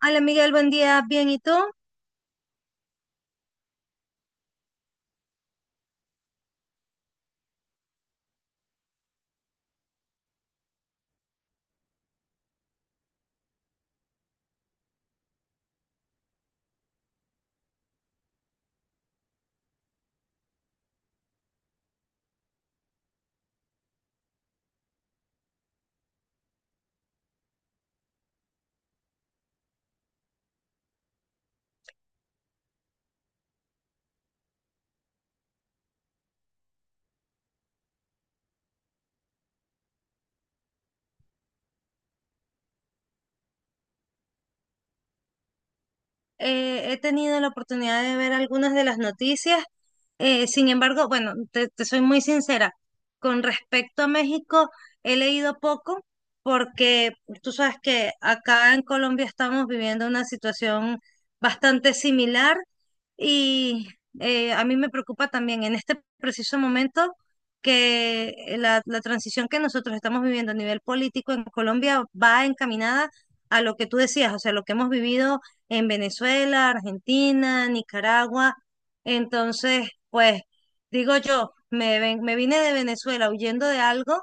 Hola Miguel, buen día, bien, ¿y tú? He tenido la oportunidad de ver algunas de las noticias. Sin embargo, bueno, te soy muy sincera, con respecto a México, he leído poco porque tú sabes que acá en Colombia estamos viviendo una situación bastante similar y a mí me preocupa también en este preciso momento que la transición que nosotros estamos viviendo a nivel político en Colombia va encaminada a lo que tú decías, o sea, lo que hemos vivido en Venezuela, Argentina, Nicaragua. Entonces, pues digo yo, me vine de Venezuela huyendo de algo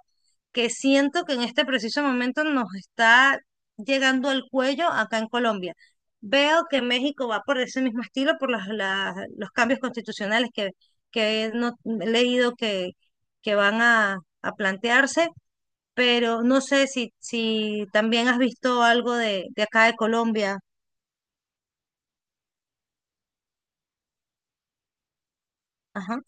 que siento que en este preciso momento nos está llegando al cuello acá en Colombia. Veo que México va por ese mismo estilo, por los cambios constitucionales que he no- he leído que van a plantearse, pero no sé si, si también has visto algo de acá de Colombia. Ajá,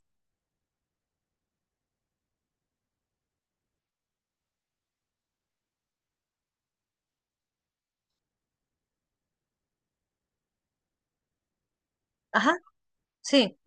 ajá. Sí,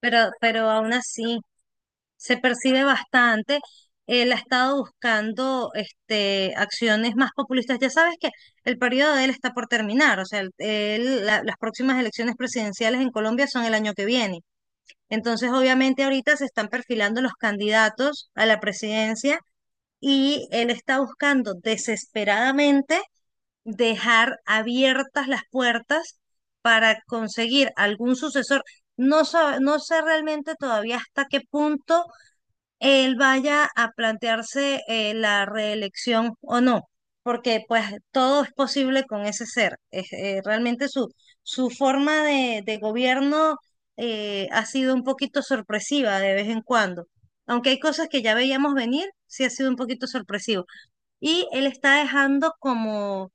pero aún así se percibe bastante. Él ha estado buscando este, acciones más populistas. Ya sabes que el periodo de él está por terminar, o sea, las próximas elecciones presidenciales en Colombia son el año que viene. Entonces, obviamente, ahorita se están perfilando los candidatos a la presidencia y él está buscando desesperadamente dejar abiertas las puertas para conseguir algún sucesor. No sé realmente todavía hasta qué punto él vaya a plantearse la reelección o no, porque pues todo es posible con ese ser. Es, realmente su, su forma de gobierno ha sido un poquito sorpresiva de vez en cuando. Aunque hay cosas que ya veíamos venir, sí ha sido un poquito sorpresivo. Y él está dejando como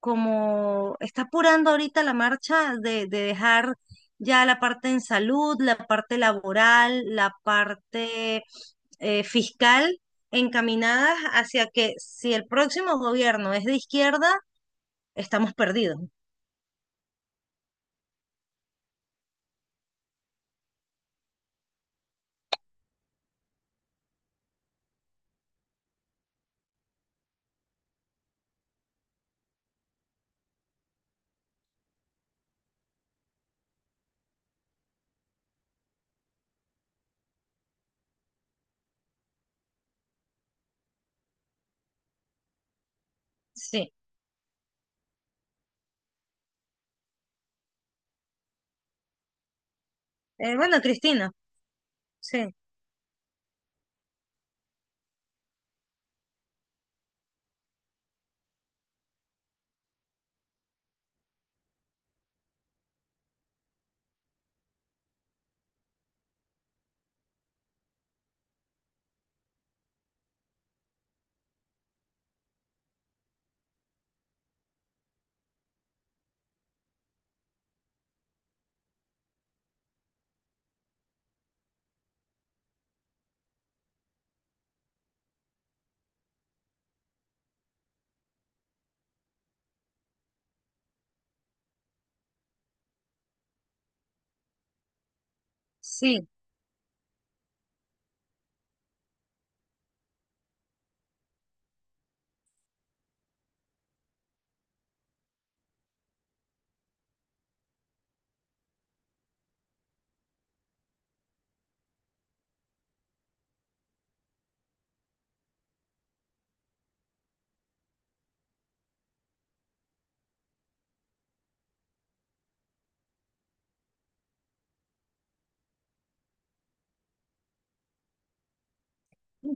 como está apurando ahorita la marcha de dejar ya la parte en salud, la parte laboral, la parte fiscal, encaminadas hacia que si el próximo gobierno es de izquierda, estamos perdidos. Sí. Bueno, Cristina, sí, sí.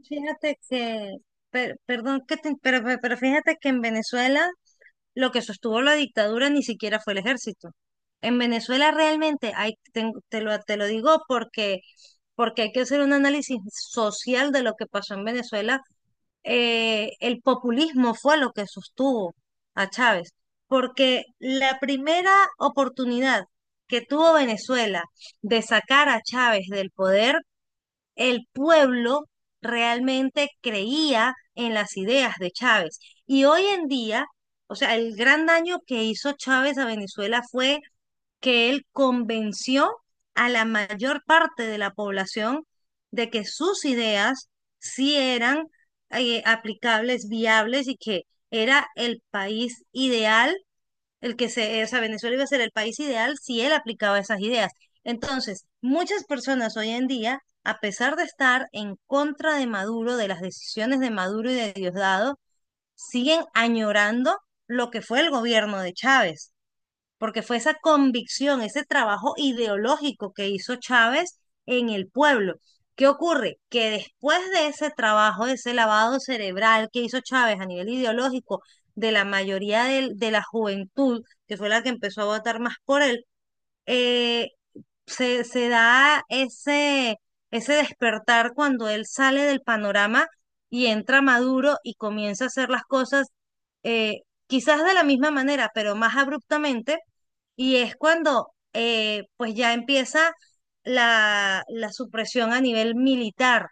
Fíjate que, perdón, pero fíjate que en Venezuela lo que sostuvo la dictadura ni siquiera fue el ejército. En Venezuela realmente hay, ten- te lo digo porque, porque hay que hacer un análisis social de lo que pasó en Venezuela. El populismo fue lo que sostuvo a Chávez, porque la primera oportunidad que tuvo Venezuela de sacar a Chávez del poder el pueblo realmente creía en las ideas de Chávez. Y hoy en día, o sea, el gran daño que hizo Chávez a Venezuela fue que él convenció a la mayor parte de la población de que sus ideas sí eran aplicables, viables y que era el país ideal el que se, o sea, Venezuela iba a ser el país ideal si él aplicaba esas ideas. Entonces, muchas personas hoy en día, a pesar de estar en contra de Maduro, de las decisiones de Maduro y de Diosdado, siguen añorando lo que fue el gobierno de Chávez porque fue esa convicción, ese trabajo ideológico que hizo Chávez en el pueblo. ¿Qué ocurre? Que después de ese trabajo, de ese lavado cerebral que hizo Chávez a nivel ideológico de la mayoría la juventud, que fue la que empezó a votar más por él, eh, se da ese, ese despertar cuando él sale del panorama y entra Maduro y comienza a hacer las cosas eh, quizás de la misma manera, pero más abruptamente, y es cuando pues ya empieza la supresión a nivel militar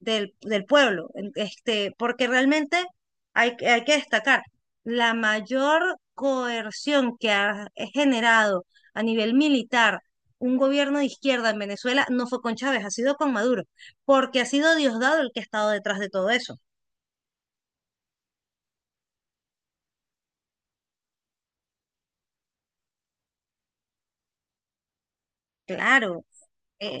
del pueblo, este, porque realmente hay que destacar la mayor coerción que ha generado a nivel militar un gobierno de izquierda en Venezuela no fue con Chávez, ha sido con Maduro, porque ha sido Diosdado el que ha estado detrás de todo eso. Claro, eh,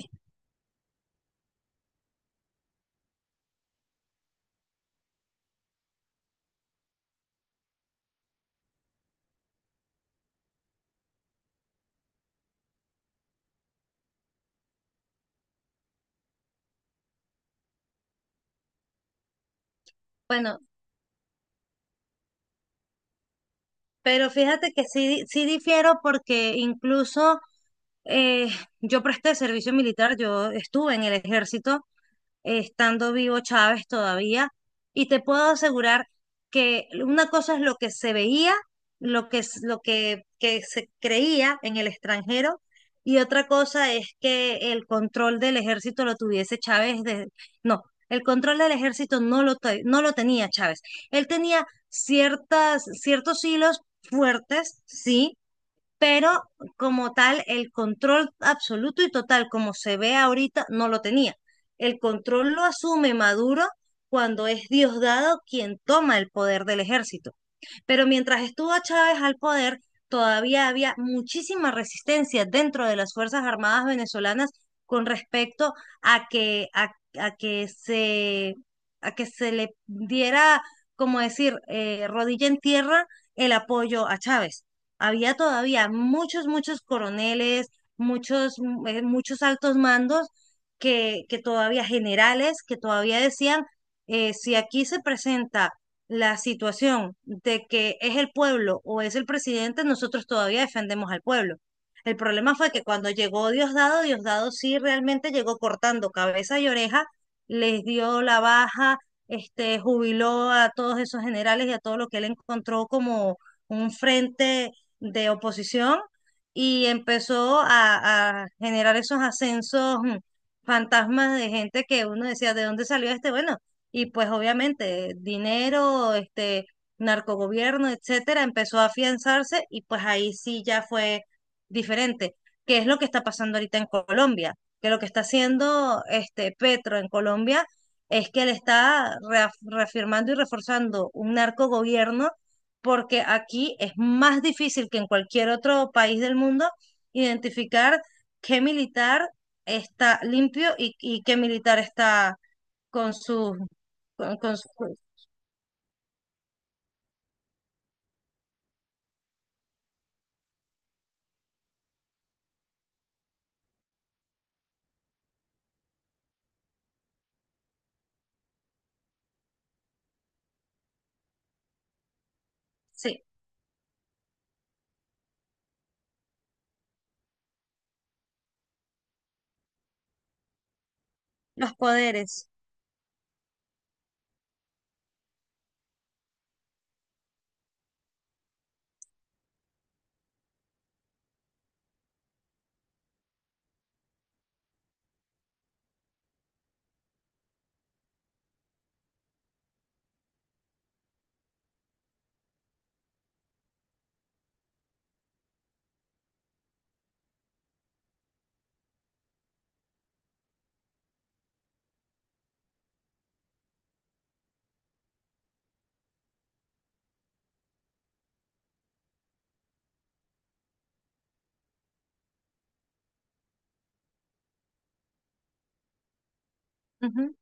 bueno, pero fíjate que sí, sí difiero porque incluso eh, yo presté servicio militar, yo estuve en el ejército estando vivo Chávez todavía, y te puedo asegurar que una cosa es lo que se veía, lo que, es- lo que se creía en el extranjero, y otra cosa es que el control del ejército lo tuviese Chávez de, no, el control del ejército no lo tenía Chávez. Él tenía ciertas, ciertos hilos fuertes, sí, pero como tal, el control absoluto y total, como se ve ahorita, no lo tenía. El control lo asume Maduro cuando es Diosdado quien toma el poder del ejército. Pero mientras estuvo Chávez al poder, todavía había muchísima resistencia dentro de las Fuerzas Armadas venezolanas con respecto a que, a, a que se, a que se le diera, como decir, rodilla en tierra el apoyo a Chávez. Había todavía muchos, muchos coroneles, muchos, muchos altos mandos que todavía generales, que todavía decían, si aquí se presenta la situación de que es el pueblo o es el presidente, nosotros todavía defendemos al pueblo. El problema fue que cuando llegó Diosdado, Diosdado sí realmente llegó cortando cabeza y oreja, les dio la baja, este, jubiló a todos esos generales y a todo lo que él encontró como un frente de oposición y empezó a generar esos ascensos fantasmas de gente que uno decía, ¿de dónde salió este? Bueno, y pues obviamente dinero, este, narcogobierno, etcétera, empezó a afianzarse y pues ahí sí ya fue diferente. ¿Qué es lo que está pasando ahorita en Colombia? Que lo que está haciendo este Petro en Colombia es que él está reafirmando y reforzando un narcogobierno porque aquí es más difícil que en cualquier otro país del mundo identificar qué militar está limpio y qué militar está con sus con- con su- sí, los poderes. Ujú,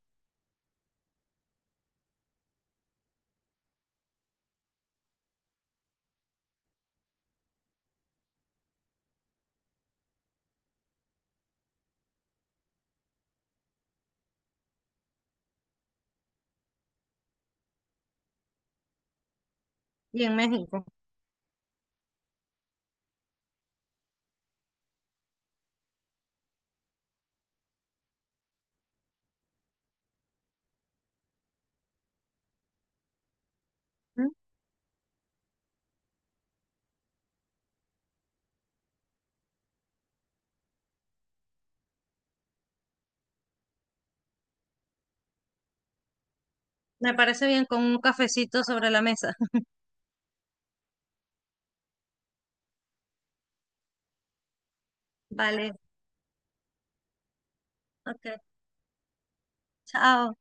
y en México. Ujú. Me parece bien con un cafecito sobre la mesa. Vale, ok, chao.